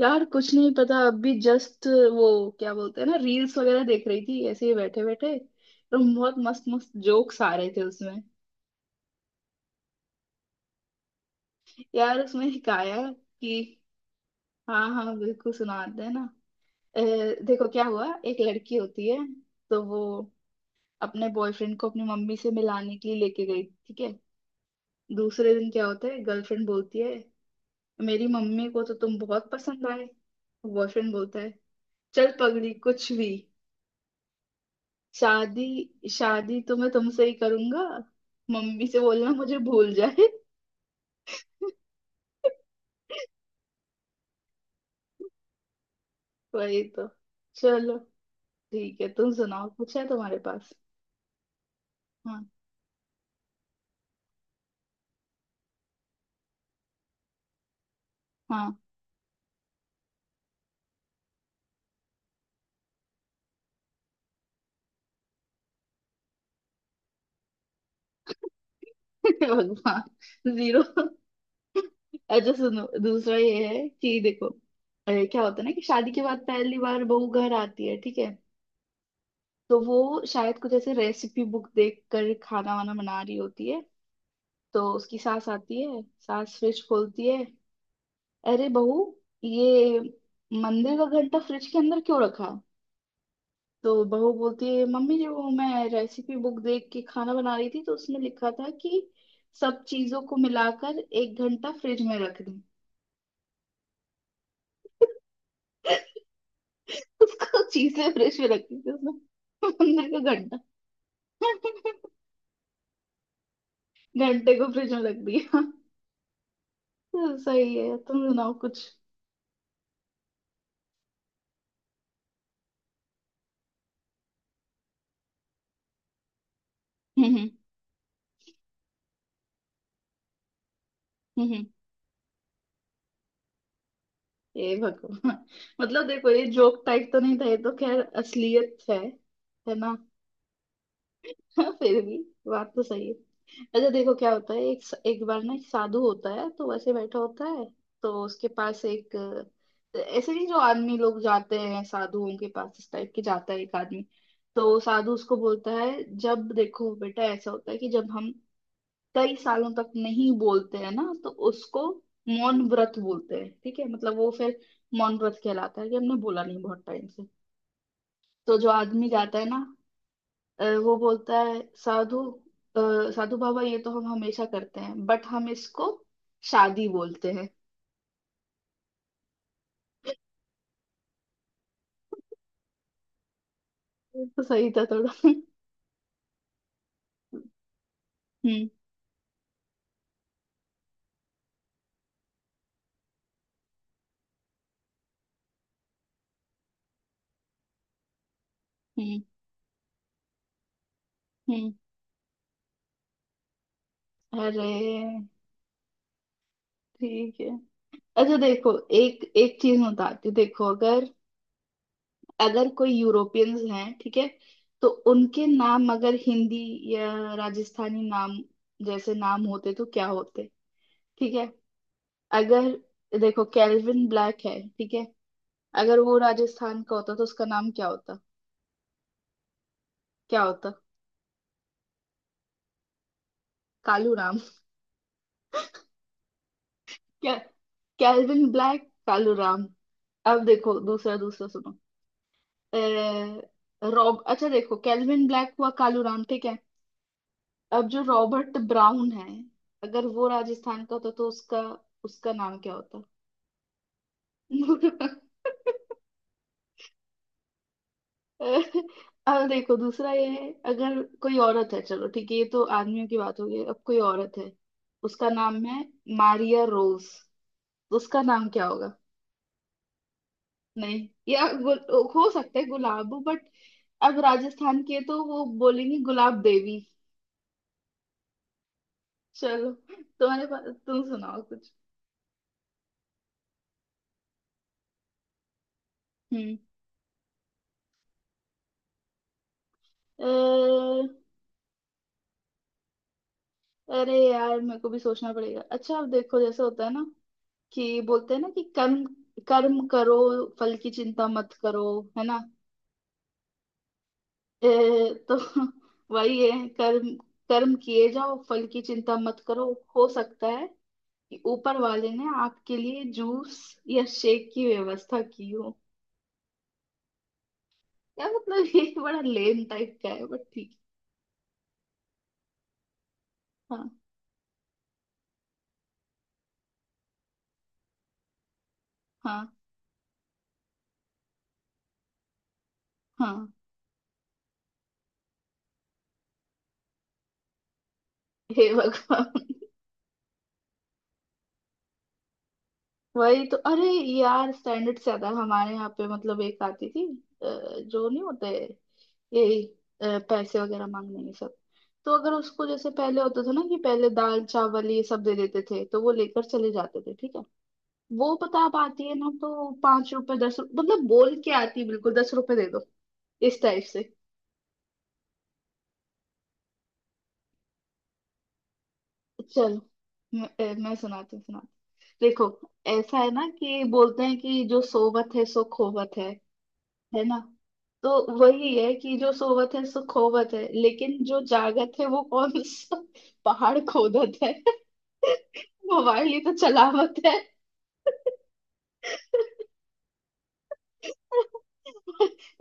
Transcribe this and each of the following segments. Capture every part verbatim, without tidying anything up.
यार कुछ नहीं पता अभी जस्ट वो क्या बोलते हैं ना, रील्स वगैरह देख रही थी ऐसे ही बैठे बैठे। तो बहुत मस्त मस्त जोक्स आ रहे थे उसमें। यार उसमें हिकाया कि, हाँ, हाँ, बिल्कुल सुनाते हैं ना। अ, देखो क्या हुआ। एक लड़की होती है, तो वो अपने बॉयफ्रेंड को अपनी मम्मी से मिलाने के लिए लेके गई। ठीक है। दूसरे दिन क्या होता है, गर्लफ्रेंड बोलती है, मेरी मम्मी को तो तुम बहुत पसंद आए। बॉयफ्रेंड बोलता है, चल पगली कुछ भी। शादी शादी तो मैं तुमसे ही करूंगा, मम्मी से बोलना मुझे भूल जाए। वही तो। चलो, ठीक है। तुम सुनाओ, कुछ है तुम्हारे पास? हाँ, हाँ। भगवान। जीरो। अच्छा सुनो, दूसरा ये है कि देखो, अरे क्या होता है ना कि शादी के बाद पहली बार बहू घर आती है। ठीक है। तो वो शायद कुछ ऐसे रेसिपी बुक देख कर खाना वाना बना रही होती है। तो उसकी सास आती है, सास फ्रिज खोलती है, अरे बहू, ये मंदिर का घंटा फ्रिज के अंदर क्यों रखा? तो बहू बोलती है, मम्मी जी वो मैं रेसिपी बुक देख के खाना बना रही थी तो उसमें लिखा था कि सब चीजों को मिलाकर एक घंटा फ्रिज में रख दूं। उसको चीजें फ्रिज में रखी थी उसने, मंदिर का घंटा। घंटे को फ्रिज में रख दिया। तो सही है। तुम सुनाओ कुछ। हम्म। हम्म। हम्म, ये भगवान। मतलब देखो ये जोक टाइप तो नहीं था, ये तो खैर असलियत है। है ना? हाँ, फिर भी बात तो सही है। अच्छा देखो क्या होता है। एक एक बार ना एक साधु होता है तो वैसे बैठा होता है। तो उसके पास एक, अ, ऐसे नहीं जो आदमी लोग जाते हैं साधुओं के पास, इस टाइप के जाता है एक आदमी। तो साधु उसको बोलता है, जब देखो बेटा ऐसा होता है कि जब हम कई सालों तक नहीं बोलते हैं ना तो उसको मौन व्रत बोलते हैं। ठीक है। मतलब वो फिर मौन व्रत कहलाता है, कि हमने बोला नहीं बहुत टाइम से। तो जो आदमी जाता है ना, अ, वो बोलता है साधु, अ, साधु बाबा ये तो हम हमेशा करते हैं बट हम इसको शादी बोलते हैं। ये तो सही था थोड़ा। हम्म। हम्म। हम्म। अरे, ठीक है। अच्छा देखो, एक एक चीज मैं बताती हूँ। देखो अगर अगर कोई यूरोपियंस हैं, ठीक है। तो उनके नाम अगर हिंदी या राजस्थानी नाम जैसे नाम होते तो क्या होते। ठीक है। अगर देखो कैल्विन ब्लैक है, ठीक है, अगर वो राजस्थान का होता तो उसका नाम क्या होता? क्या होता? कालू राम। क्या, कैल्विन ब्लैक कालू राम। अब देखो दूसरा, दूसरा सुनो। अ, रॉब अच्छा देखो कैल्विन ब्लैक हुआ कालू राम, ठीक है। अब जो रॉबर्ट ब्राउन है, अगर वो राजस्थान का होता तो उसका उसका नाम क्या होता? अब देखो, दूसरा ये है। अगर कोई औरत है, चलो ठीक है, ये तो आदमियों की बात हो गई। अब कोई औरत है, उसका नाम है मारिया रोज, तो उसका नाम क्या होगा? नहीं, या गु, हो सकता है गुलाब, बट अब राजस्थान के तो वो बोलेंगे गुलाब देवी। चलो। तुम्हारे पास, तुम सुनाओ कुछ। हम्म। अ, अरे यार मेरे को भी सोचना पड़ेगा। अच्छा अब देखो, जैसे होता है ना कि बोलते हैं ना कि कर्म, कर्म करो फल की चिंता मत करो। है ना? अ, तो वही है, कर्म, कर्म किए जाओ फल की चिंता मत करो। हो सकता है कि ऊपर वाले ने आपके लिए जूस या शेक की व्यवस्था की हो। या मतलब ये बड़ा लेम टाइप का है बट ठीक है। हाँ, हाँ, हाँ। हे भगवान। वही तो। अरे यार स्टैंडर्ड से ज्यादा हमारे यहाँ पे मतलब एक आती थी, अ, जो नहीं होते, यही, अ, पैसे वगैरह मांगने ये सब। तो अगर उसको, जैसे पहले होता था ना कि पहले दाल चावल ये सब दे देते थे तो वो लेकर चले जाते थे। ठीक है। वो, पता, आप आती है ना तो पांच रुपए, दस रुपए, मतलब बोल के आती है बिल्कुल दस रुपए दे दो, इस टाइप से। चल, मैं, अ, मैं सुनाती हूँ, सुनाती हूँ। देखो ऐसा है ना कि बोलते हैं कि जो सोवत है सो खोवत है। है ना? तो वही है कि जो सोवत है सो खोवत है, लेकिन जो जागत है वो कौन सा पहाड़ खोदत है? मोबाइल ही तो चलावत है।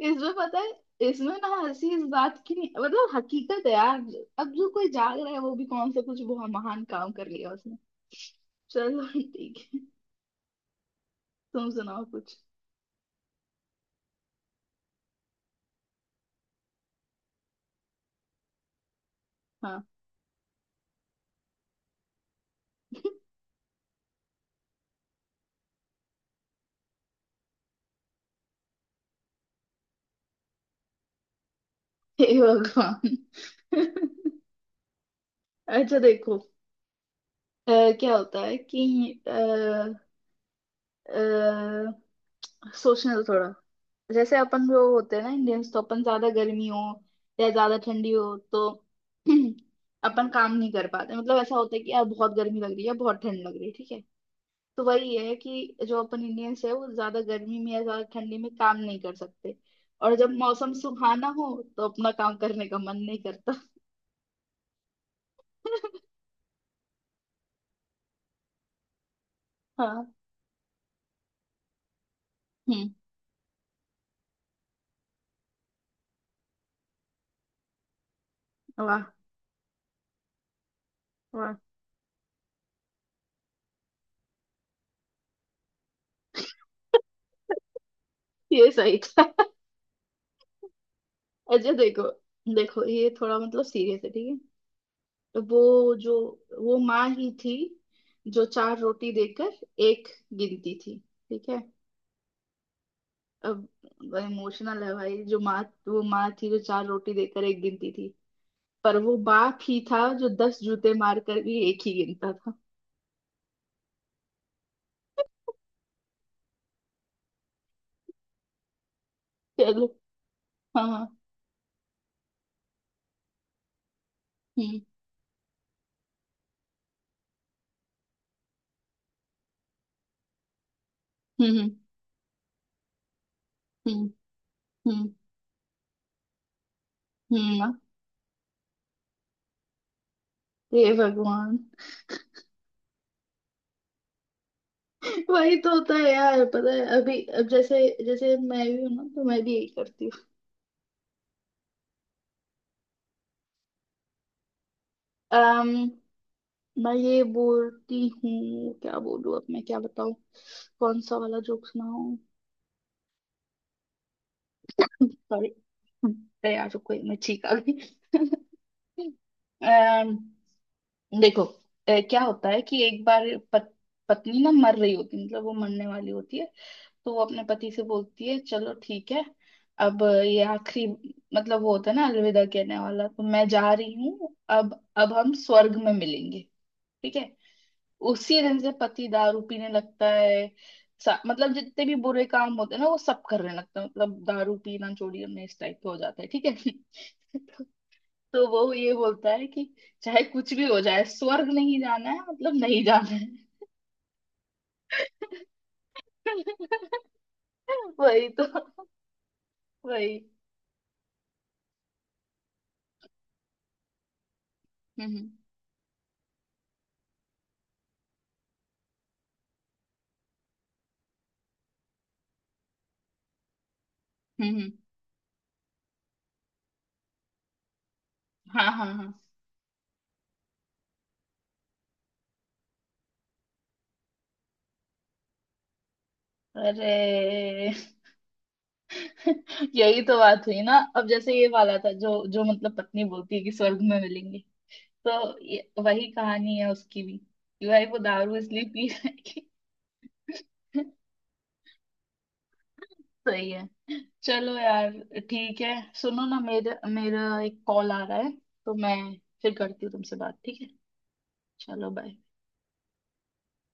इसमें पता है, इसमें ना हंसी इस बात की नहीं, मतलब हकीकत है यार। अब जो कोई जाग रहा है वो भी कौन सा कुछ बहुत महान काम कर लिया उसने। चलो ठीक है। तुम सुनाओ कुछ। हाँ। हे भगवान। अच्छा देखो, अ, क्या होता है कि, अ, अ, सोचने दो थोड़ा। जैसे अपन जो होते हैं ना इंडियंस, तो अपन ज्यादा गर्मी हो या ज्यादा ठंडी हो तो अपन काम नहीं कर पाते। मतलब ऐसा होता है कि यार बहुत गर्मी लग रही है, बहुत ठंड लग रही है। ठीक है। तो वही है कि जो अपन इंडियंस है वो ज्यादा गर्मी में या ज्यादा ठंडी में काम नहीं कर सकते। और जब मौसम सुहाना हो तो अपना काम करने का मन नहीं करता। हाँ। हम्म। वाह। हाँ, ये सही था। अच्छा देखो, देखो ये थोड़ा मतलब सीरियस है, ठीक है। तो वो जो वो माँ ही थी जो चार रोटी देकर एक गिनती थी। ठीक है। अब, इमोशनल है भाई। जो माँ, वो माँ थी जो चार रोटी देकर एक गिनती थी, पर वो बाप ही था जो दस जूते मार कर भी एक ही गिनता था। चलो। हाँ, हाँ। हम्म। हम्म। हम्म। हम्म। हम्म। हम्म, हे भगवान। वही तो होता है यार। पता है अभी, अब जैसे जैसे मैं भी हूँ ना तो मैं भी यही करती हूँ। अम मैं ये बोलती हूँ क्या बोलूँ, अब मैं क्या बताऊँ? कौन सा वाला जोक सुनाऊँ? सॉरी। अरे यार रुको, मैं ठीक आ गई। अम, देखो, अ, क्या होता है कि एक बार पत, पत्नी ना मर रही होती, मतलब वो मरने वाली होती है। तो वो अपने पति से बोलती है, चलो ठीक है, अब ये आखिरी, मतलब वो होता है ना अलविदा कहने वाला, तो मैं जा रही हूँ, अब अब हम स्वर्ग में मिलेंगे। ठीक है। उसी दिन से पति दारू पीने लगता है। सा- मतलब जितने भी बुरे काम होते हैं ना वो सब करने लगता है, मतलब दारू पीना, चोरी करना, इस टाइप का हो जाता है। ठीक है। तो वो ये बोलता है कि चाहे कुछ भी हो जाए स्वर्ग नहीं जाना है, मतलब नहीं जाना है। वही तो। वही। हम्म। हम्म। हम्म। हम्म, हाँ, हाँ, हाँ। अरे। यही तो बात हुई ना। अब जैसे ये वाला था, जो जो मतलब पत्नी बोलती है कि स्वर्ग में मिलेंगे, तो ये, वही कहानी है उसकी भी कि भाई वो दारू इसलिए पी रहा है कि। सही है। चलो यार, ठीक है। सुनो ना, मेरा मेरा एक कॉल आ रहा है तो मैं फिर करती हूँ तुमसे बात। ठीक है। चलो, बाय।